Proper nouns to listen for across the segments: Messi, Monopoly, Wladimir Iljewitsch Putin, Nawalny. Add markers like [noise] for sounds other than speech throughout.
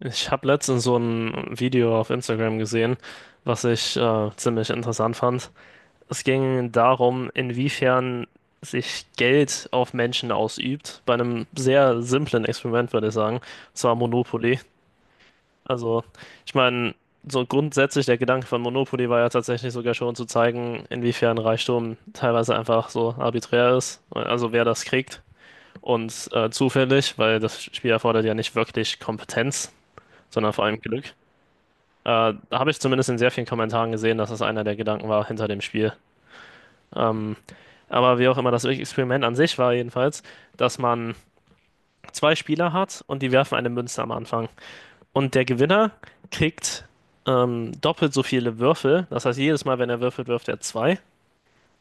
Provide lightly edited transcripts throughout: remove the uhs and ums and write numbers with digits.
Ich habe letztens so ein Video auf Instagram gesehen, was ich ziemlich interessant fand. Es ging darum, inwiefern sich Geld auf Menschen ausübt, bei einem sehr simplen Experiment, würde ich sagen, und zwar Monopoly. Also, ich meine, so grundsätzlich der Gedanke von Monopoly war ja tatsächlich sogar schon zu zeigen, inwiefern Reichtum teilweise einfach so arbiträr ist, also wer das kriegt und zufällig, weil das Spiel erfordert ja nicht wirklich Kompetenz, sondern vor allem Glück. Habe ich zumindest in sehr vielen Kommentaren gesehen, dass das einer der Gedanken war hinter dem Spiel. Ähm, aber wie auch immer, das Experiment an sich war jedenfalls, dass man zwei Spieler hat und die werfen eine Münze am Anfang. Und der Gewinner kriegt doppelt so viele Würfel. Das heißt, jedes Mal, wenn er würfelt, wirft er zwei.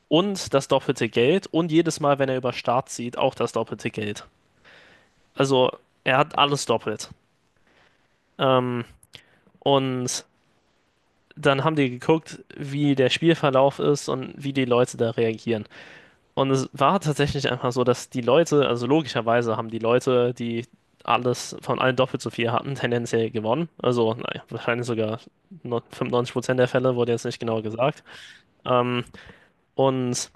Und das doppelte Geld. Und jedes Mal, wenn er über Start zieht, auch das doppelte Geld. Also er hat alles doppelt. Ähm, und dann haben die geguckt, wie der Spielverlauf ist und wie die Leute da reagieren. Und es war tatsächlich einfach so, dass die Leute, also logischerweise haben die Leute, die alles von allen doppelt so viel hatten, tendenziell gewonnen. Also naja, wahrscheinlich sogar 95% der Fälle, wurde jetzt nicht genau gesagt. Ähm, und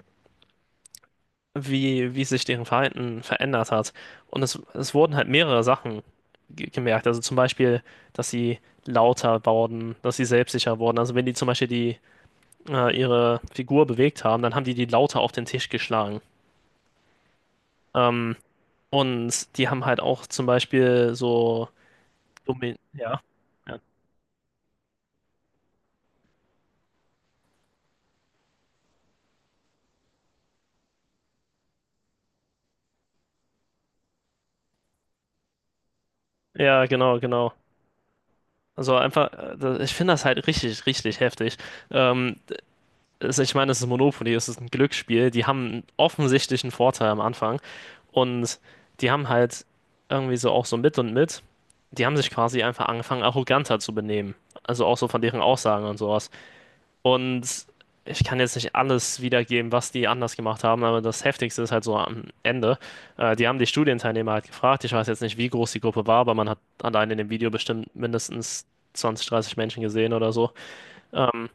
wie sich deren Verhalten verändert hat. Und es wurden halt mehrere Sachen gemerkt. Also zum Beispiel, dass sie lauter wurden, dass sie selbstsicher wurden. Also wenn die zum Beispiel ihre Figur bewegt haben, dann haben die die lauter auf den Tisch geschlagen. Ähm, Und die haben halt auch zum Beispiel so Domin ja. Ja, ja, genau, genau. Also einfach, ich finde das halt richtig, richtig heftig. Ähm, Ich meine, es ist Monopoly, es ist ein Glücksspiel. Die haben einen offensichtlichen Vorteil am Anfang. Und die haben halt irgendwie so auch so mit und mit. Die haben sich quasi einfach angefangen, arroganter zu benehmen. Also auch so von deren Aussagen und sowas. Und ich kann jetzt nicht alles wiedergeben, was die anders gemacht haben, aber das Heftigste ist halt so am Ende. Die haben die Studienteilnehmer halt gefragt. Ich weiß jetzt nicht, wie groß die Gruppe war, aber man hat allein in dem Video bestimmt mindestens 20, 30 Menschen gesehen oder so. Ähm,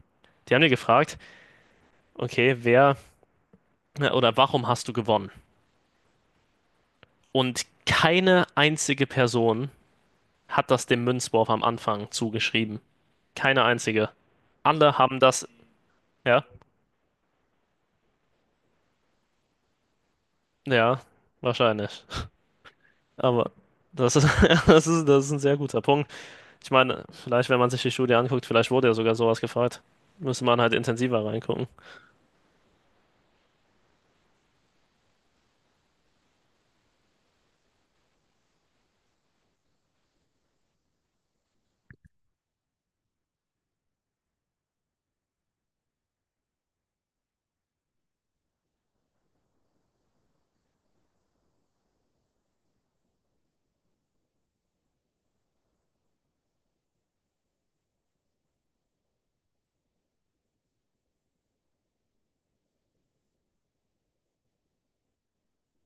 Die haben die gefragt, okay, wer oder warum hast du gewonnen? Und keine einzige Person hat das dem Münzwurf am Anfang zugeschrieben. Keine einzige. Alle haben das. Ja, ja, wahrscheinlich. Aber das ist, [laughs] das ist ein sehr guter Punkt. Ich meine, vielleicht, wenn man sich die Studie anguckt, vielleicht wurde ja sogar sowas gefragt. Müsste man halt intensiver reingucken.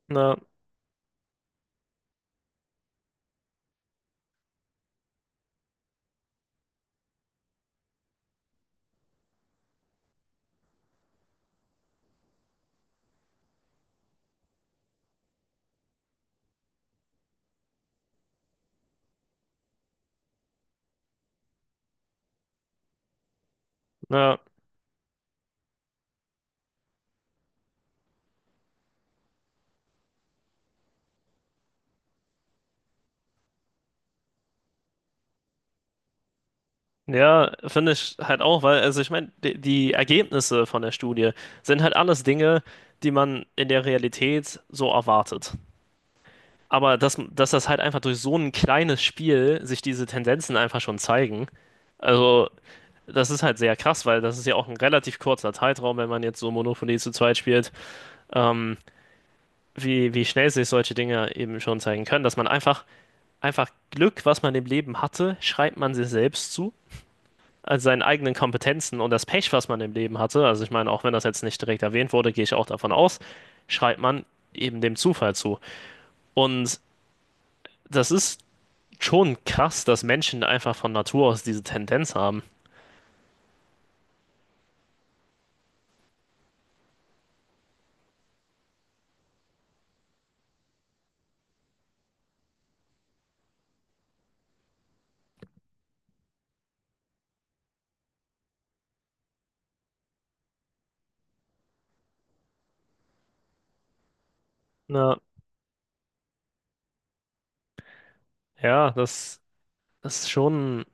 Na, na, ja, finde ich halt auch, weil, also ich meine, die Ergebnisse von der Studie sind halt alles Dinge, die man in der Realität so erwartet. Aber dass das halt einfach durch so ein kleines Spiel sich diese Tendenzen einfach schon zeigen, also das ist halt sehr krass, weil das ist ja auch ein relativ kurzer Zeitraum, wenn man jetzt so Monopoly zu zweit spielt. Ähm, wie schnell sich solche Dinge eben schon zeigen können, dass man einfach, einfach Glück, was man im Leben hatte, schreibt man sich selbst zu, also seinen eigenen Kompetenzen und das Pech, was man im Leben hatte, also ich meine, auch wenn das jetzt nicht direkt erwähnt wurde, gehe ich auch davon aus, schreibt man eben dem Zufall zu. Und das ist schon krass, dass Menschen einfach von Natur aus diese Tendenz haben. Na, ja, das ist schon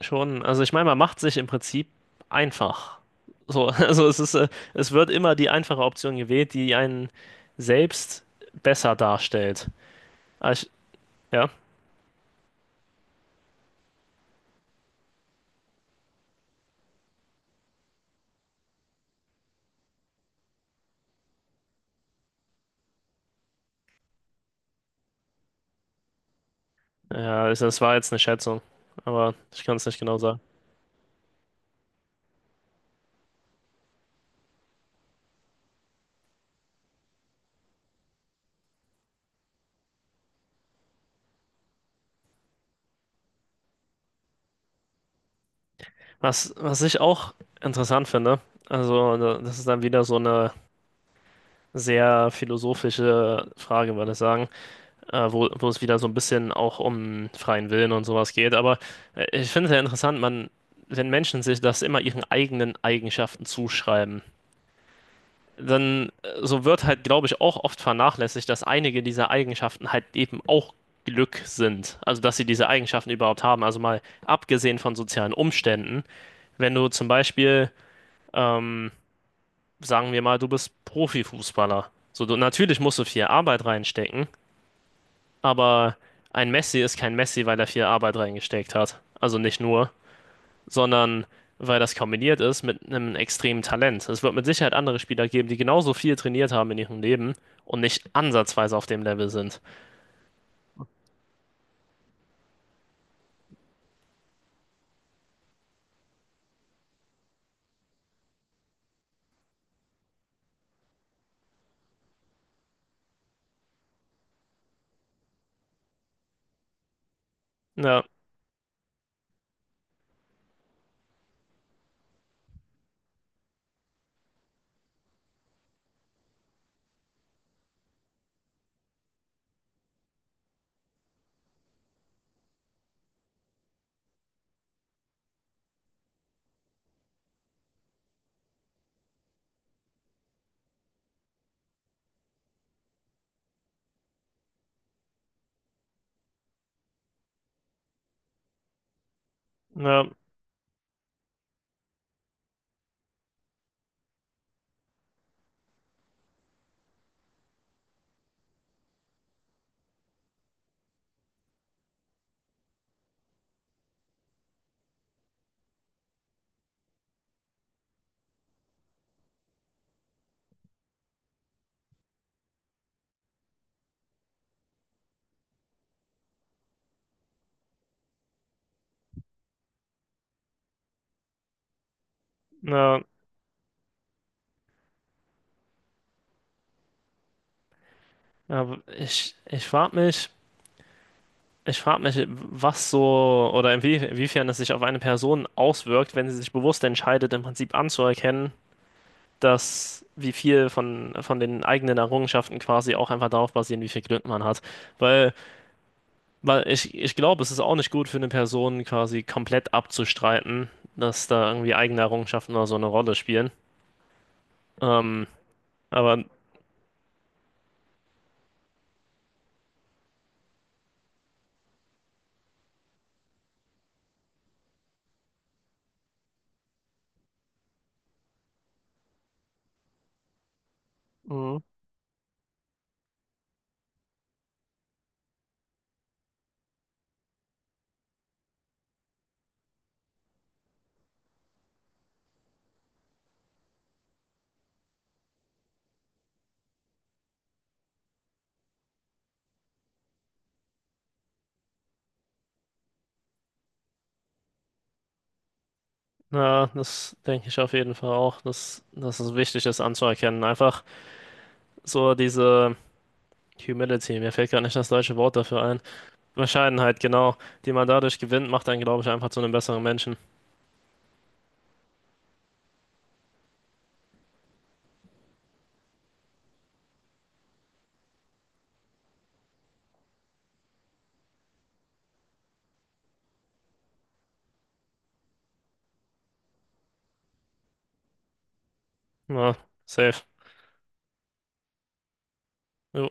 Schon, also ich meine, man macht sich im Prinzip einfach. So, [laughs] also es wird immer die einfache Option gewählt, die einen selbst besser darstellt. Ah, ja, ja, also das war jetzt eine Schätzung, aber ich kann es nicht genau sagen. Was ich auch interessant finde, also das ist dann wieder so eine sehr philosophische Frage, würde ich sagen. Wo es wieder so ein bisschen auch um freien Willen und sowas geht. Aber ich finde es ja interessant, man, wenn Menschen sich das immer ihren eigenen Eigenschaften zuschreiben, dann so wird halt, glaube ich, auch oft vernachlässigt, dass einige dieser Eigenschaften halt eben auch Glück sind. Also, dass sie diese Eigenschaften überhaupt haben. Also mal abgesehen von sozialen Umständen, wenn du zum Beispiel, ähm, sagen wir mal, du bist Profifußballer. So, du, natürlich musst du viel Arbeit reinstecken, aber ein Messi ist kein Messi, weil er viel Arbeit reingesteckt hat. Also nicht nur, sondern weil das kombiniert ist mit einem extremen Talent. Es wird mit Sicherheit andere Spieler geben, die genauso viel trainiert haben in ihrem Leben und nicht ansatzweise auf dem Level sind. Ja, ja, ja, ja, ich frag mich, was so oder inwiefern es sich auf eine Person auswirkt, wenn sie sich bewusst entscheidet, im Prinzip anzuerkennen, dass wie viel von den eigenen Errungenschaften quasi auch einfach darauf basieren, wie viel Glück man hat. Weil, weil ich glaube, es ist auch nicht gut für eine Person quasi komplett abzustreiten, dass da irgendwie eigene Errungenschaften oder so eine Rolle spielen. Ähm, aber Mhm. Na, das denke ich auf jeden Fall auch, dass es wichtig ist anzuerkennen. Einfach so diese Humility, mir fällt gerade nicht das deutsche Wort dafür ein. Bescheidenheit, genau, die man dadurch gewinnt, macht einen, glaube ich, einfach zu einem besseren Menschen. Ja, safe. Jo.